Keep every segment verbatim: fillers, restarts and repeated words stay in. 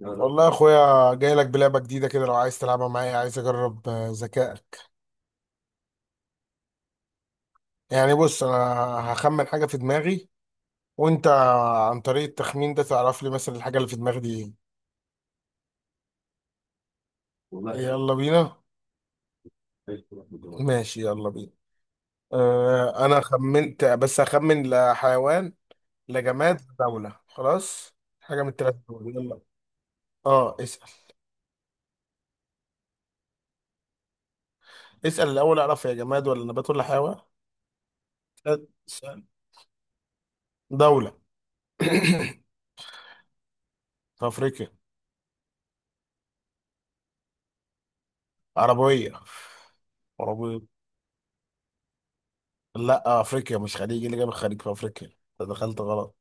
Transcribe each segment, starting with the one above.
والله يا اخويا، جاي لك بلعبه جديده كده. لو عايز تلعبها معايا، عايز اجرب آه، ذكائك. يعني بص، انا هخمن حاجه في دماغي، وانت عن طريق التخمين ده تعرف لي مثلا الحاجه اللي في دماغي دي. ايه والله حلو، يلا بينا. ماشي يلا بينا. آه انا خمنت، بس هخمن. لا حيوان، لا جماد، لا دولة، خلاص. حاجه من الثلاثه دول، يلا. اه اسال. اسال الاول اعرف، يا جماد ولا نبات ولا حيوان. اسال اسال. دوله. في افريقيا. عربيه. لا، افريقيا مش خليج، إيه اللي جاب الخليج في افريقيا؟ انت دخلت غلط.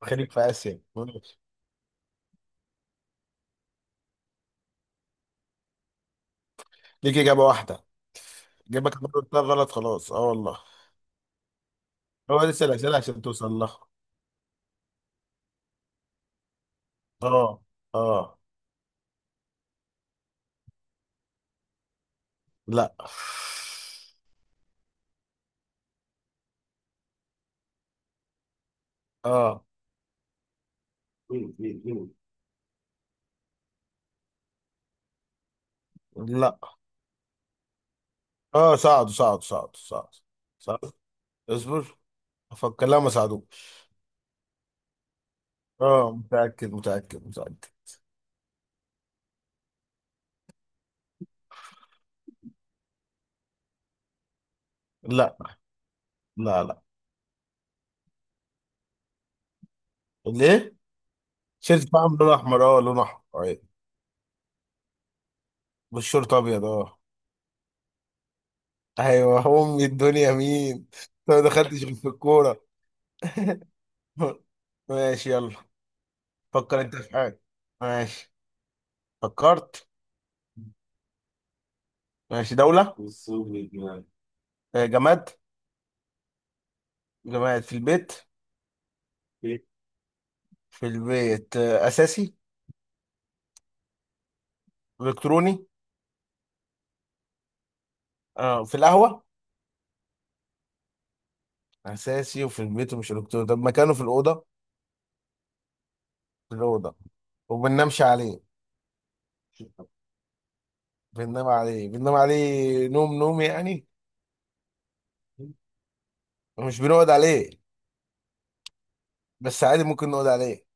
خليج في اسيا، ماشي، ليك اجابه واحده. جابك مره اتنين غلط خلاص، اه والله. هو لسه الاسئله عشان توصل لها. اه، اه، لا، اه، لا، اه، صعدوا صعدوا صعدوا صعدوا صعدوا. اصبر افكر. لا ما صعدوش. اه، متاكد متاكد متاكد. لا، لا، لا. ليه؟ شيرت بقى لون احمر، اه لون احمر آه. والشورت ابيض، اه. ايوه، امي الدنيا مين؟ أنا ما دخلتش غير في الكوره. ماشي يلا، فكر انت في حاجه. ماشي، فكرت. ماشي، دوله. آه، جماد. جماد في البيت. في البيت، آه، اساسي. الكتروني. اه في القهوه. اساسي وفي البيت ومش الكتروني، طب مكانه في الاوضه؟ في الاوضه. وبننامش عليه؟ بننام عليه، بننام عليه، نوم نوم يعني. مش بنقعد عليه، بس عادي ممكن نقعد عليه.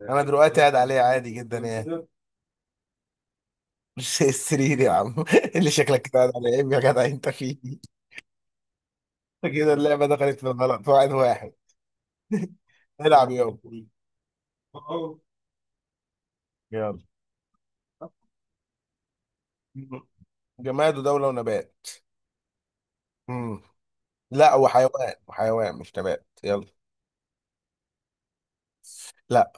انا دلوقتي قاعد عليه عادي جدا يعني. مش السرير يا عم اللي شكلك كده قاعد على عيب يا جدع انت فيه كده اللعبة دخلت في الغلط، واحد واحد. العب يابا، يلا. جماد ودولة ونبات. مم. لا، وحيوان وحيوان مش نبات، يلا. لا،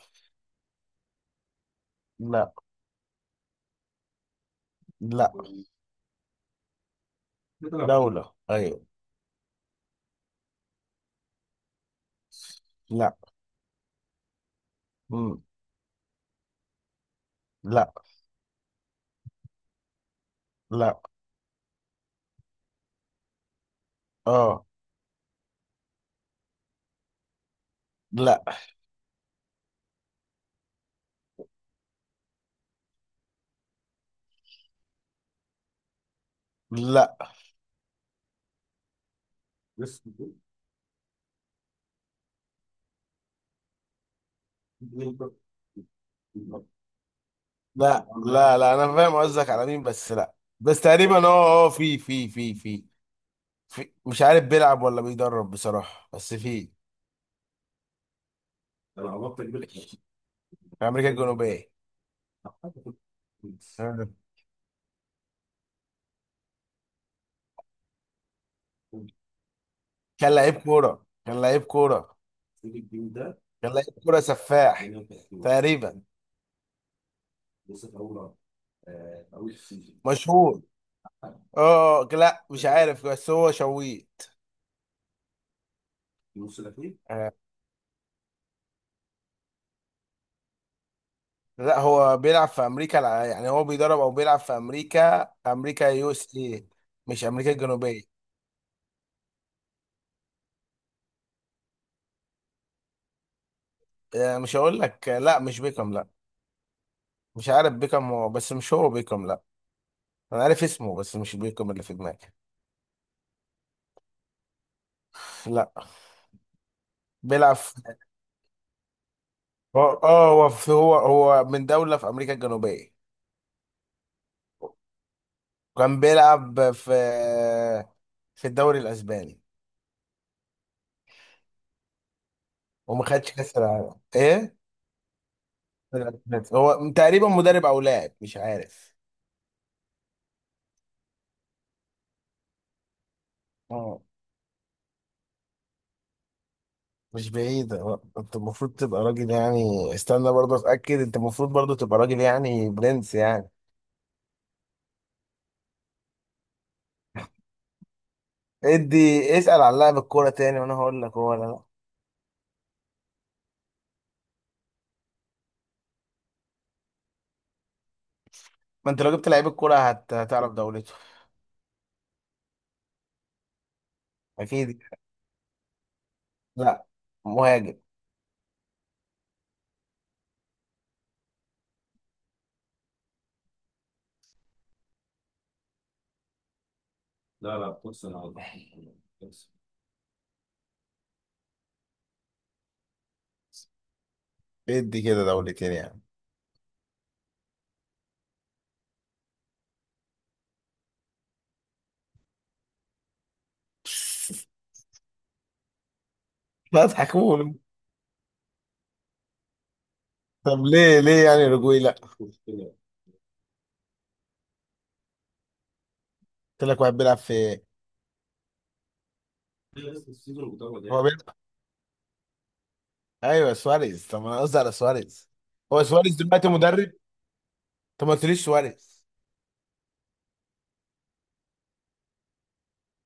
لا، لا. دولة ايوه. لا. مم. لا، لا، اه، لا، لا، لا، لا، لا انا فاهم قصدك على مين، بس لا. بس تقريبا، اه اه في في في في في مش عارف بيلعب ولا بيدرب بصراحة، بس في. في امريكا الجنوبيه. آه. كان لعيب كوره كان لعيب كوره كان لعيب كوره سفاح تقريبا، مشهور. اه لا مش عارف، بس هو شويت. آه، لا، هو بيلعب في امريكا الع- يعني هو بيدرب او بيلعب في امريكا امريكا يو اس اي. مش امريكا الجنوبيه. آه، مش هقول لك، آه، لا مش بيكم، لا. مش عارف بيكم هو، بس مش هو بيكم. لا، انا عارف اسمه بس مش بيكم اللي في دماغي. لا، بيلعب في- اه آه، هو في- هو هو من دوله في امريكا الجنوبيه. وكان بيلعب في في الدوري الاسباني. وما خدش كاس العالم، ايه؟ هو تقريبا مدرب او لاعب، مش عارف. اه. مش بعيد هو، انت المفروض تبقى راجل يعني، استنى برضه اتاكد، انت المفروض برضه تبقى راجل يعني برنس يعني. ادي. اسال عن لاعب الكوره تاني وانا هقول لك هو ولا لا. ما انت لو جبت لعيب الكوره هت... هتعرف دولته. اكيد. لا، مهاجم. ادي كده دولتين يعني. بضحك، قول. طب ليه، ليه يعني رجوي لا؟ قلت لك واحد بيلعب في. هو بيلعب. ايوه سواريز، طب ما انا قصدي على سواريز. هو سواريز دلوقتي مدرب، طب ما قلتليش سواريز.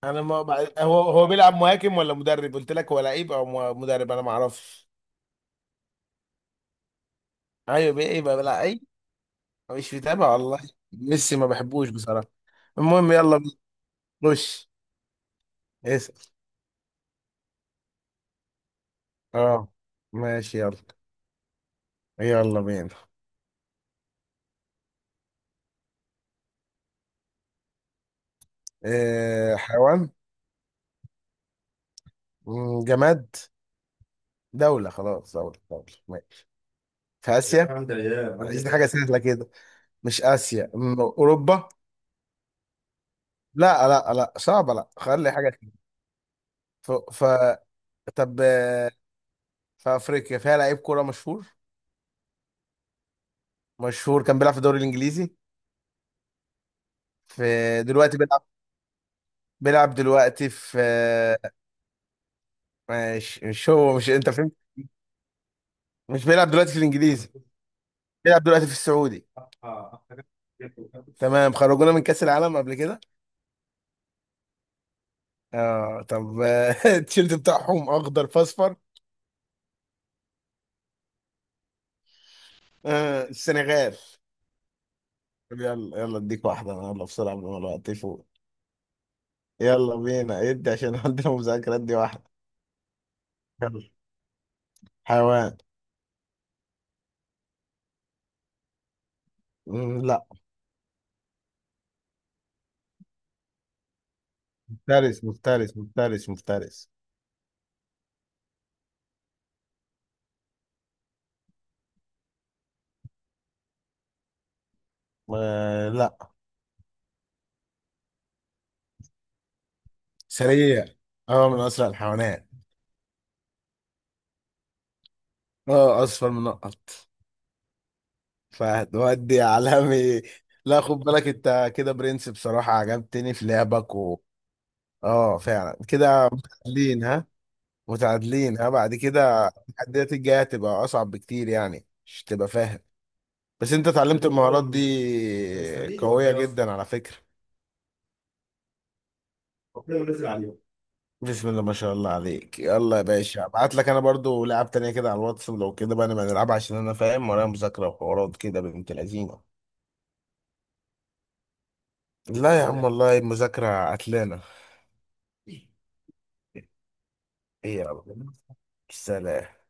انا ما بع- هو هو بيلعب مهاجم ولا مدرب؟ قلت لك هو لعيب او م- مدرب، انا ما اعرفش. ايوه بي- ايه بقى بيلعب اي؟ مش متابع والله. ميسي ما بحبوش بصراحه، المهم يلا. خش، اسال. اه ماشي، يلا. يلا بينا. إيه؟ حيوان؟ مم، جماد؟ دولة خلاص، دولة دولة ماشي. في اسيا؟ عايزين ايام حاجه سهله كده. مش اسيا، م- اوروبا؟ لا، لا، لا، صعبه، لا خلي حاجه كده. ف... ف... طب آه، في افريقيا فيها لعيب كوره مشهور. مشهور، كان بيلعب في الدوري الانجليزي. في دلوقتي بيلعب بيلعب دلوقتي في آه، مش مش هو، مش انت فهمت. مش بيلعب دلوقتي في الانجليزي، بيلعب دلوقتي في السعودي. تمام. خرجونا من كاس العالم قبل كده. اه، طب آه، التيشيرت بتاعهم اخضر في اصفر. آه، السنغال. يلا يلا اديك واحدة انا، يلا بسرعة قبل ما الوقت يفوق. يلا بينا، ادي عشان عندنا مذاكرات. دي واحدة. يلا. حيوان. مم، لا. مفترس مفترس مفترس مفترس. آه لا، سريع. هو من أسرع الحيوانات. اه، أصفر من نقط. فهتودي يا عالمي. لا، خد بالك انت كده برنس بصراحة، عجبتني في لعبك و... اه فعلا كده. متعادلين ها، متعادلين ها. بعد كده التحديات الجاية هتبقى أصعب بكتير، يعني مش تبقى فاهم. بس انت اتعلمت المهارات، بس دي قوية جدا على فكرة. بسم الله ما شاء الله عليك. يلا يا باشا، ابعت لك انا برضو لعب تانية كده على الواتس. لو كده بقى نبقى نلعبها، عشان انا فاهم ورايا مذاكرة وحوارات كده بنت لذينة. لا يا عم، والله المذاكرة قتلانة. ايه يا رب. سلام.